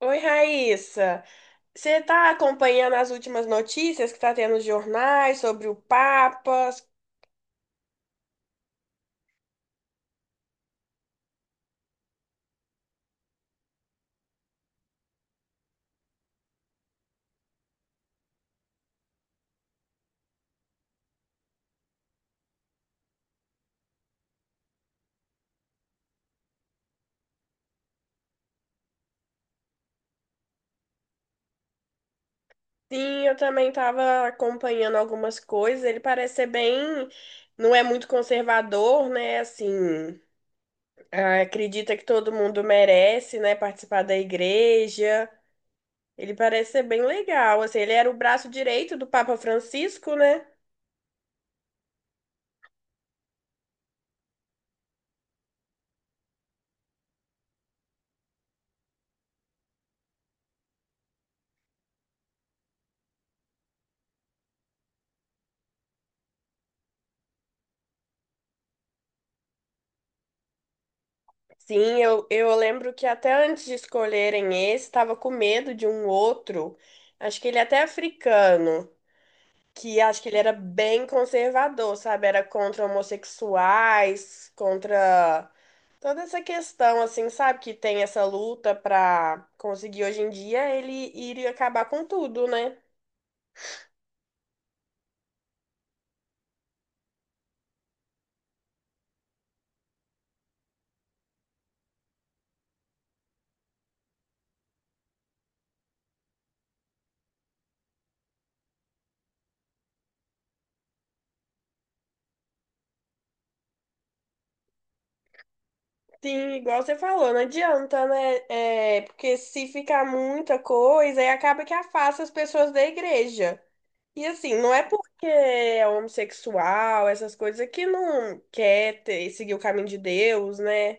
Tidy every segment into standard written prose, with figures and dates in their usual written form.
Oi, Raíssa. Você está acompanhando as últimas notícias que está tendo nos jornais sobre o Papa? Sim, eu também estava acompanhando algumas coisas. Ele parece ser bem, não é muito conservador, né? Assim, ah, acredita que todo mundo merece, né, participar da igreja. Ele parece ser bem legal. Assim, ele era o braço direito do Papa Francisco, né? Sim, eu lembro que até antes de escolherem esse, estava com medo de um outro, acho que ele é até africano, que acho que ele era bem conservador, sabe? Era contra homossexuais, contra toda essa questão, assim, sabe? Que tem essa luta pra conseguir hoje em dia, ele iria acabar com tudo, né? Sim, igual você falou, não adianta, né? É, porque se ficar muita coisa, aí acaba que afasta as pessoas da igreja. E assim, não é porque é homossexual, essas coisas, é que não quer seguir o caminho de Deus, né?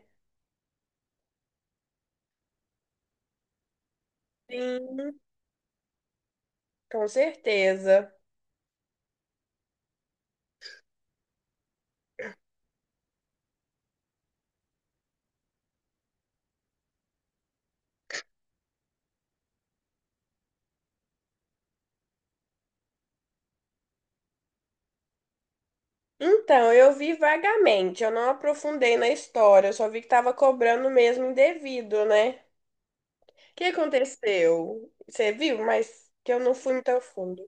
Sim, com certeza. Então, eu vi vagamente, eu não aprofundei na história, eu só vi que tava cobrando mesmo indevido, né? O que aconteceu? Você viu? Mas que eu não fui muito a fundo.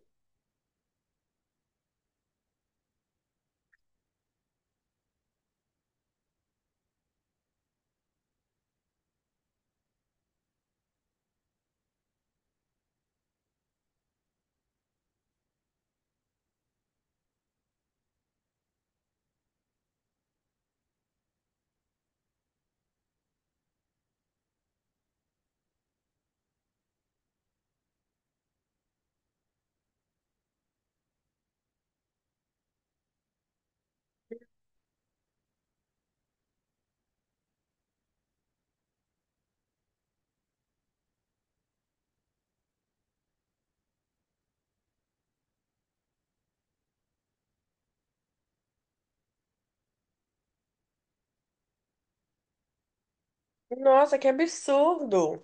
Nossa, que absurdo!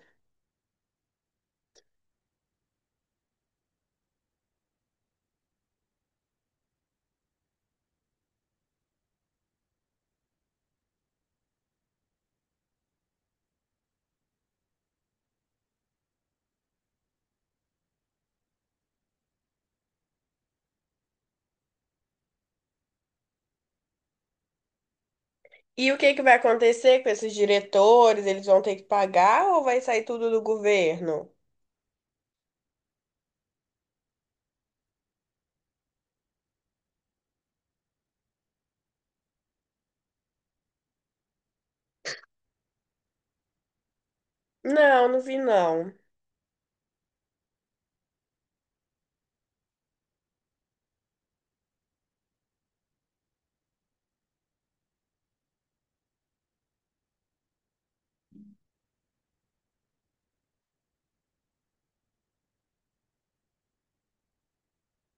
E o que que vai acontecer com esses diretores? Eles vão ter que pagar ou vai sair tudo do governo? Não, não vi não.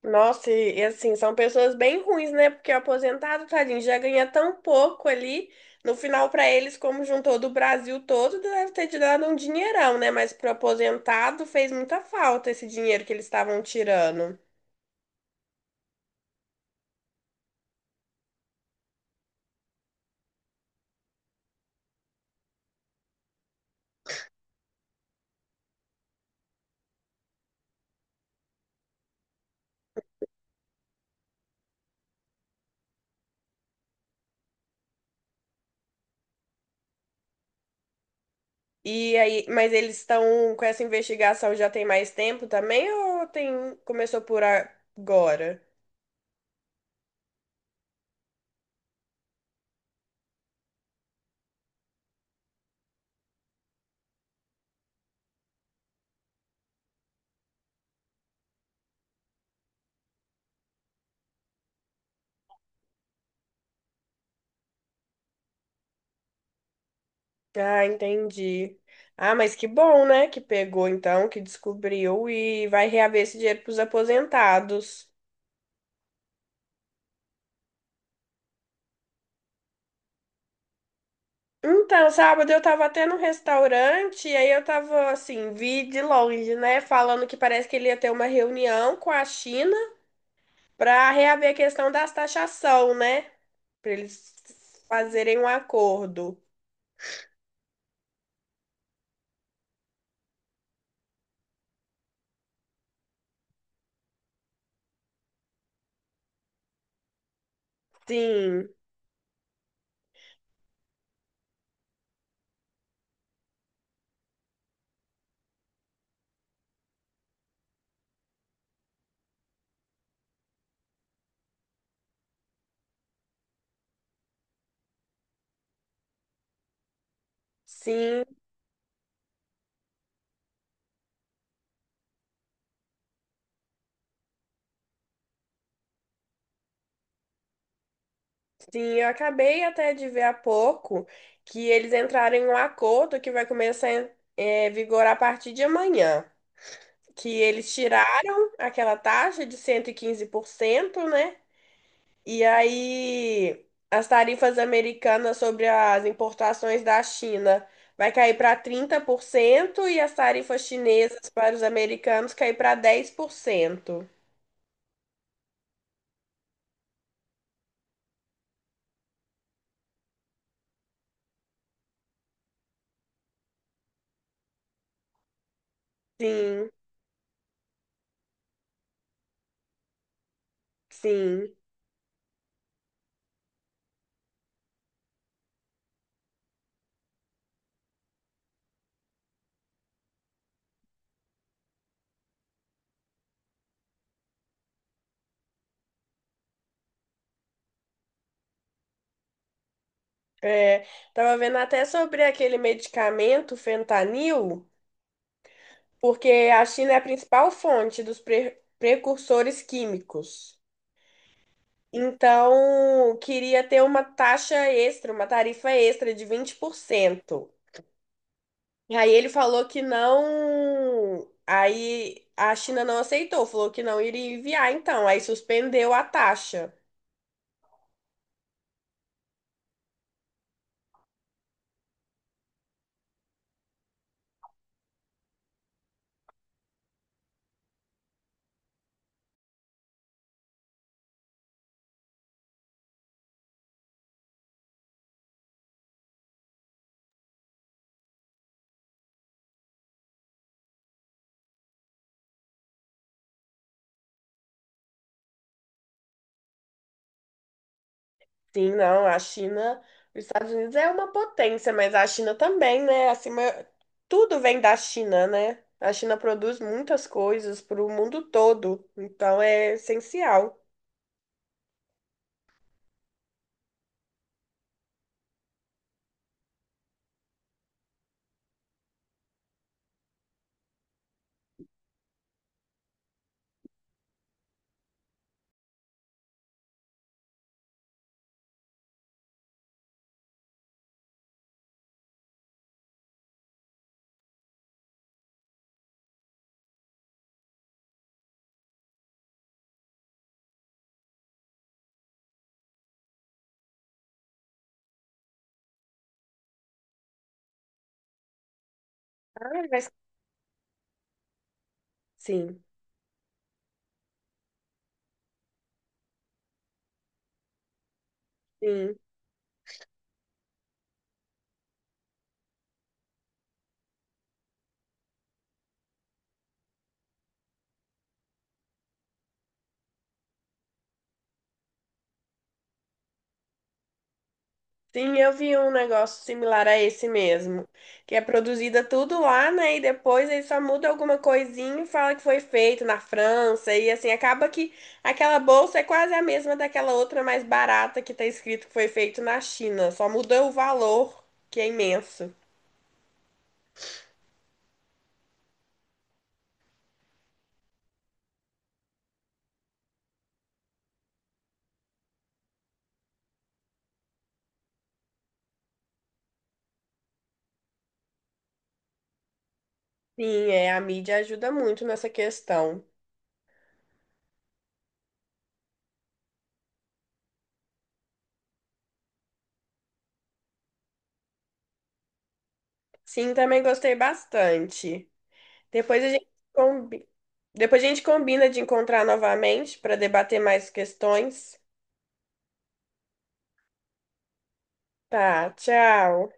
Nossa, e assim, são pessoas bem ruins, né? Porque o aposentado, tadinho, já ganha tão pouco ali. No final, pra eles, como juntou do Brasil todo, deve ter te dado um dinheirão, né? Mas pro aposentado fez muita falta esse dinheiro que eles estavam tirando. E aí, mas eles estão com essa investigação já tem mais tempo também ou tem começou por agora? Ah, entendi. Ah, mas que bom, né? Que pegou então, que descobriu e vai reaver esse dinheiro pros aposentados. Então, sábado eu tava até num restaurante e aí eu tava assim, vi de longe, né? Falando que parece que ele ia ter uma reunião com a China pra reaver a questão das taxação, né? Pra eles fazerem um acordo. Sim, sim, sim. Eu acabei até de ver há pouco que eles entraram em um acordo que vai começar a vigorar a partir de amanhã. Que eles tiraram aquela taxa de 115%, né? E aí, as tarifas americanas sobre as importações da China vai cair para 30% e as tarifas chinesas para os americanos cair para 10%. Sim, sim. É, tava vendo até sobre aquele medicamento, fentanil, porque a China é a principal fonte dos precursores químicos. Então, queria ter uma taxa extra, uma tarifa extra de 20%. E aí ele falou que não. Aí a China não aceitou, falou que não iria enviar, então. Aí suspendeu a taxa. Sim, não, a China. Os Estados Unidos é uma potência, mas a China também, né? Acima, tudo vem da China, né? A China produz muitas coisas para o mundo todo, então é essencial. Ah, mas... Sim, sim. Sim, eu vi um negócio similar a esse mesmo, que é produzida tudo lá, né? E depois aí só muda alguma coisinha e fala que foi feito na França. E assim, acaba que aquela bolsa é quase a mesma daquela outra mais barata que tá escrito que foi feito na China. Só muda o valor, que é imenso. Sim, é, a mídia ajuda muito nessa questão. Sim, também gostei bastante. Depois a gente combi... Depois a gente combina de encontrar novamente para debater mais questões. Tá, tchau.